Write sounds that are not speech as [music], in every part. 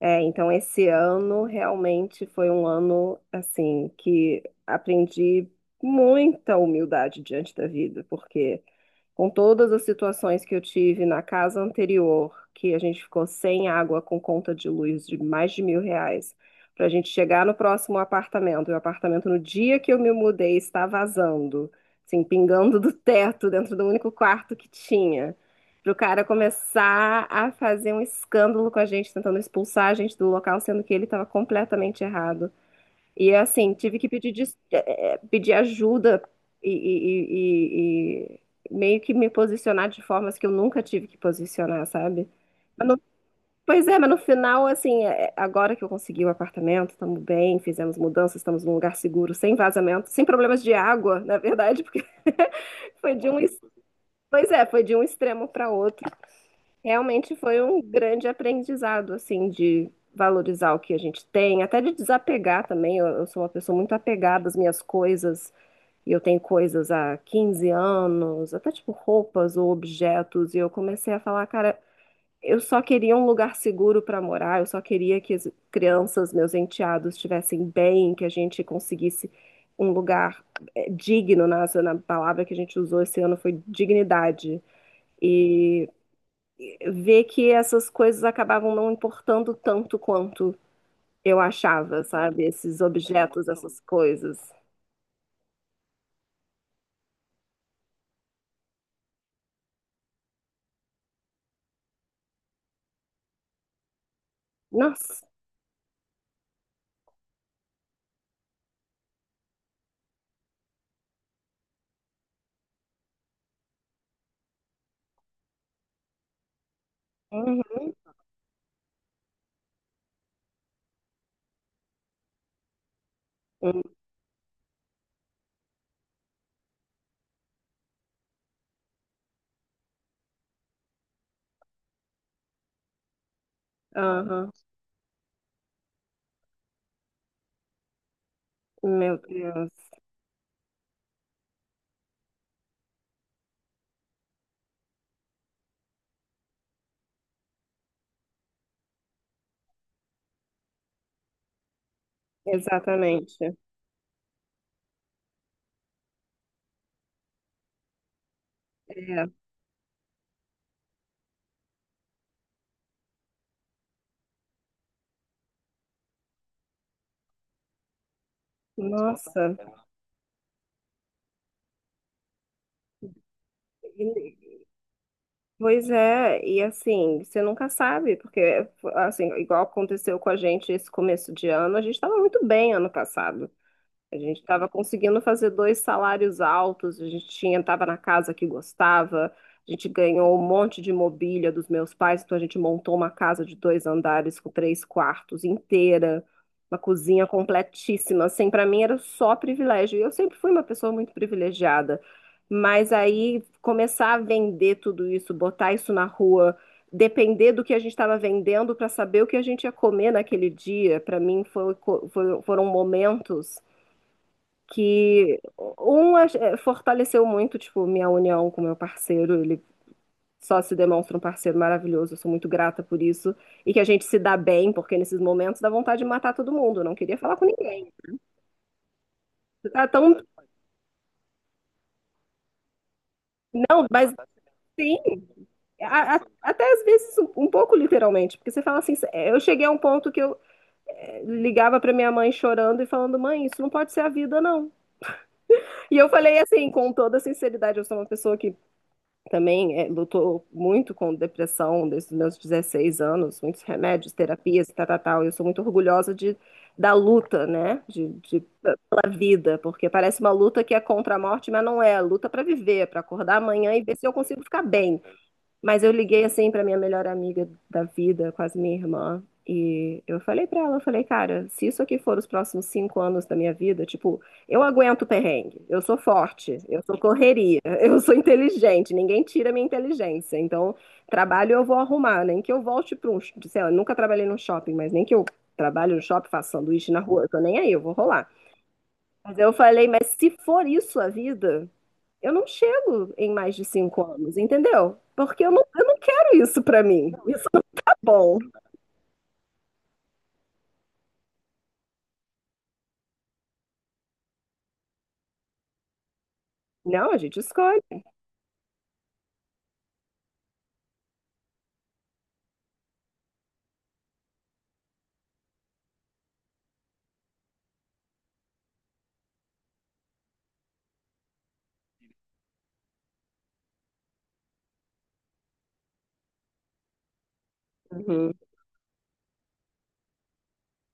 É, então esse ano realmente foi um ano assim que aprendi muita humildade diante da vida, porque com todas as situações que eu tive na casa anterior, que a gente ficou sem água com conta de luz de mais de R$ 1.000, para a gente chegar no próximo apartamento, e o apartamento no dia que eu me mudei está vazando, assim, pingando do teto dentro do único quarto que tinha. Para o cara começar a fazer um escândalo com a gente, tentando expulsar a gente do local, sendo que ele estava completamente errado. E assim, tive que pedir, pedir ajuda e, e- e- e meio que me posicionar de formas que eu nunca tive que posicionar, sabe? Mas no- pois é, mas no final, assim, agora que eu consegui o apartamento, estamos bem, fizemos mudanças, estamos num lugar seguro, sem vazamento, sem problemas de água, na verdade, porque [laughs] foi de um, ex- pois é, foi de um extremo para outro. Realmente foi um grande aprendizado, assim, de valorizar o que a gente tem, até de desapegar também. Eu sou uma pessoa muito apegada às minhas coisas, e eu tenho coisas há 15 anos, até tipo roupas ou objetos, e eu comecei a falar, cara, eu só queria um lugar seguro para morar, eu só queria que as crianças, meus enteados, estivessem bem, que a gente conseguisse um lugar digno, na palavra que a gente usou esse ano foi dignidade. E ver que essas coisas acabavam não importando tanto quanto eu achava, sabe? Esses objetos, essas coisas. Nossa. Uhum. Hum. Aham. Meu Deus. Exatamente. É. Nossa. E- Pois é, e assim, você nunca sabe, porque assim, igual aconteceu com a gente esse começo de ano, a gente estava muito bem ano passado. A gente estava conseguindo fazer dois salários altos, a gente tinha, estava na casa que gostava, a gente ganhou um monte de mobília dos meus pais, então a gente montou uma casa de dois andares com três quartos inteira, uma cozinha completíssima. Assim, para mim era só privilégio. E eu sempre fui uma pessoa muito privilegiada, mas aí começar a vender tudo isso, botar isso na rua, depender do que a gente estava vendendo para saber o que a gente ia comer naquele dia, para mim foi- foi- foram momentos que fortaleceu muito, tipo, minha união com meu parceiro, ele só se demonstra um parceiro maravilhoso, eu sou muito grata por isso, e que a gente se dá bem, porque nesses momentos dá vontade de matar todo mundo, eu não queria falar com ninguém. Você tá tão... Não, mas sim, até às vezes um pouco literalmente, porque você fala assim, eu cheguei a um ponto que eu ligava pra minha mãe chorando e falando, mãe, isso não pode ser a vida, não. E eu falei assim, com toda sinceridade, eu sou uma pessoa que também é, lutou muito com depressão desde os meus 16 anos, muitos remédios, terapias, tal, tal, tal. Eu sou muito orgulhosa de, da luta, né? Pela vida, porque parece uma luta que é contra a morte, mas não é. É luta para viver, para acordar amanhã e ver se eu consigo ficar bem. Mas eu liguei assim pra minha melhor amiga da vida, quase minha irmã, e eu falei pra ela, eu falei, cara, se isso aqui for os próximos 5 anos da minha vida, tipo, eu aguento perrengue, eu sou forte, eu sou correria, [laughs] eu sou inteligente, ninguém tira minha inteligência, então trabalho eu vou arrumar, nem que eu volte para um, sei lá, eu nunca trabalhei num shopping, mas nem que eu trabalhe no shopping, faça sanduíche na rua, eu tô nem aí, eu vou rolar. Mas eu falei, mas se for isso a vida, eu não chego em mais de 5 anos, entendeu? Porque eu não quero isso pra mim. Isso não é bom. Não, a gente escolhe. Uhum,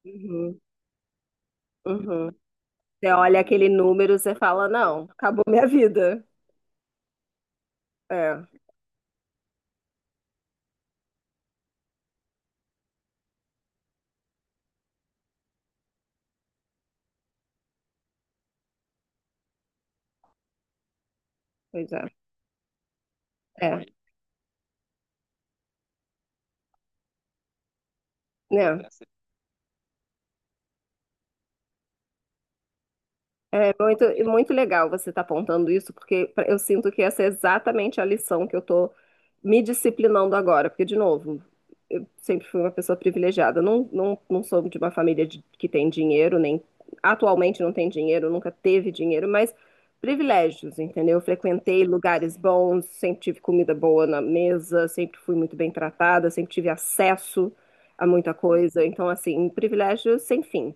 uhum, uhum. Você olha aquele número, você fala, não, acabou minha vida. É, pois é. É, né? É muito, e muito legal você estar apontando isso, porque pra- eu sinto que essa é exatamente a lição que eu estou me disciplinando agora. Porque, de novo, eu sempre fui uma pessoa privilegiada. Não sou de uma família de- que tem dinheiro, nem atualmente não tem dinheiro, nunca teve dinheiro, mas privilégios, entendeu? Eu frequentei lugares bons, sempre tive comida boa na mesa, sempre fui muito bem tratada, sempre tive acesso a muita coisa. Então, assim, privilégios sem fim.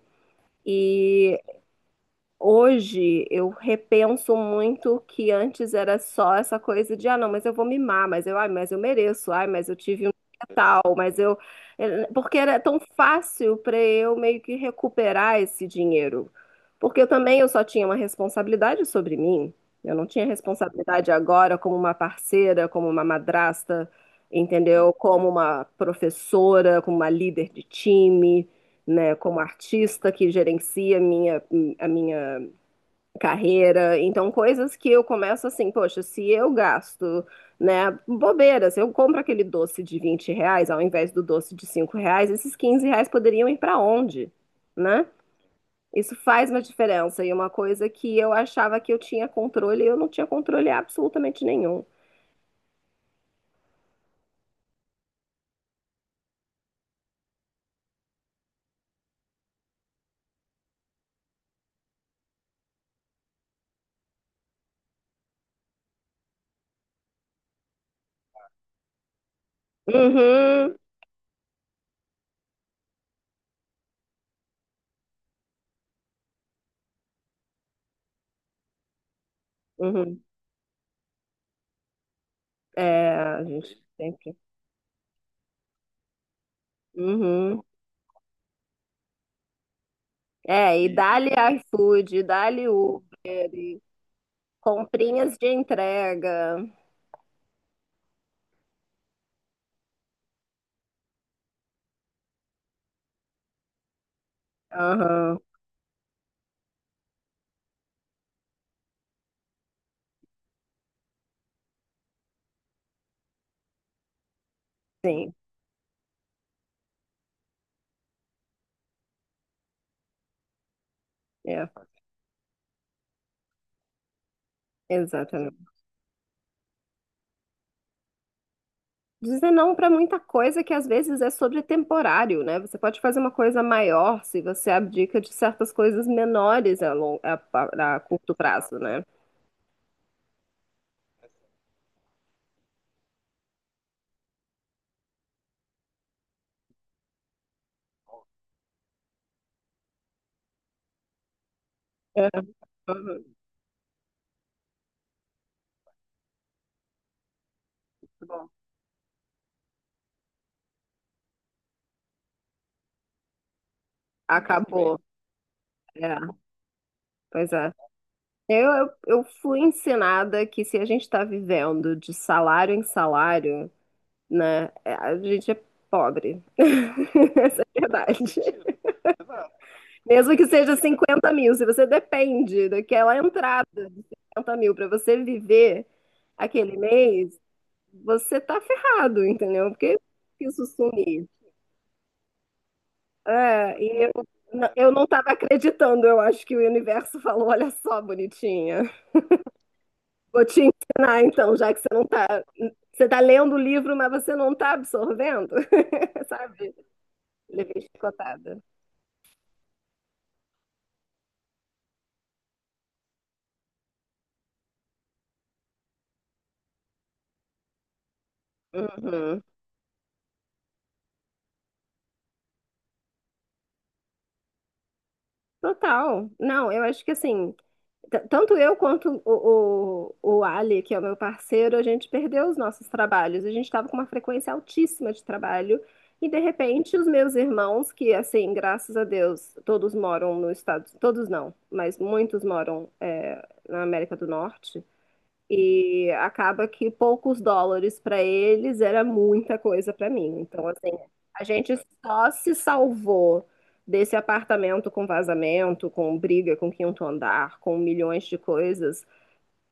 Hoje eu repenso muito que antes era só essa coisa de, ah, não, mas eu vou mimar, mas eu, ai, mas eu mereço, ai, mas eu tive um dia tal, mas eu. Porque era tão fácil para eu meio que recuperar esse dinheiro. Porque eu também eu só tinha uma responsabilidade sobre mim. Eu não tinha responsabilidade agora como uma parceira, como uma madrasta, entendeu? Como uma professora, como uma líder de time, né, como artista que gerencia a minha carreira, então coisas que eu começo assim, poxa, se eu gasto, né, bobeiras, eu compro aquele doce de R$ 20 ao invés do doce de R$ 5, esses R$ 15 poderiam ir para onde, né? Isso faz uma diferença e uma coisa que eu achava que eu tinha controle, eu não tinha controle absolutamente nenhum. Uhum, uhum. É, a gente sempre. Uhum. É, e dá-lhe iFood, dá-lhe Uber, e comprinhas de entrega. Aham, sim. É, exatamente. Dizer não para muita coisa que às vezes é sobre temporário, né? Você pode fazer uma coisa maior se você abdica de certas coisas menores a, long, a curto prazo, né? É. Uhum. Acabou. É, pois é. Eu fui ensinada que se a gente está vivendo de salário em salário, né, é, a gente é pobre. [laughs] Essa é a verdade. Mesmo que seja 50 mil, se você depende daquela entrada de 50 mil para você viver aquele mês, você tá ferrado, entendeu? Porque isso sumir. É, e eu não estava acreditando, eu acho que o universo falou: olha só, bonitinha, vou te ensinar então, já que você não tá. Você tá lendo o livro, mas você não tá absorvendo, [laughs] sabe? Levei chicotada. Uhum. Total. Não, eu acho que assim, Tanto eu quanto o Ali, que é o meu parceiro, a gente perdeu os nossos trabalhos. A gente estava com uma frequência altíssima de trabalho. E, de repente, os meus irmãos, que, assim, graças a Deus, todos moram nos Estados... Todos não, mas muitos moram, é, na América do Norte. E acaba que poucos dólares para eles era muita coisa para mim. Então, assim, a gente só se salvou desse apartamento com vazamento, com briga, com quinto andar, com milhões de coisas,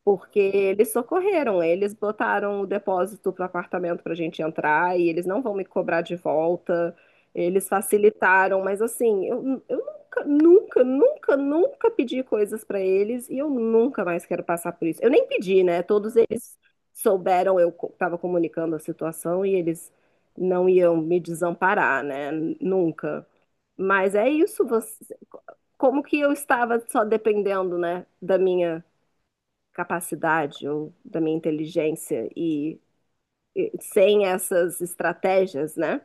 porque eles socorreram, eles botaram o depósito para apartamento para a gente entrar e eles não vão me cobrar de volta, eles facilitaram, mas assim, eu nunca, nunca, nunca, nunca pedi coisas para eles e eu nunca mais quero passar por isso. Eu nem pedi, né? Todos eles souberam, eu estava comunicando a situação e eles não iam me desamparar, né? Nunca. Mas é isso, você, como que eu estava só dependendo, né, da minha capacidade ou da minha inteligência e sem essas estratégias, né?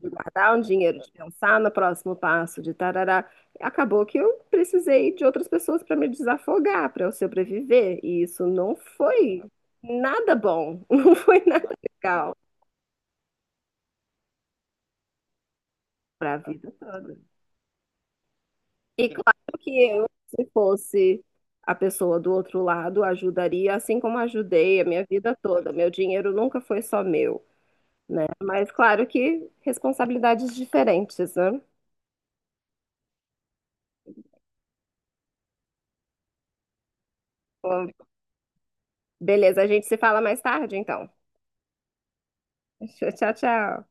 De guardar um dinheiro, de pensar no próximo passo, de tarará. Acabou que eu precisei de outras pessoas para me desafogar, para eu sobreviver. E isso não foi nada bom, [laughs] não foi nada legal para a vida. E claro que eu, se fosse a pessoa do outro lado, ajudaria, assim como ajudei a minha vida toda. Meu dinheiro nunca foi só meu. Né? Mas claro que responsabilidades diferentes, né? Bom, beleza, a gente se fala mais tarde, então. [laughs] Tchau, tchau.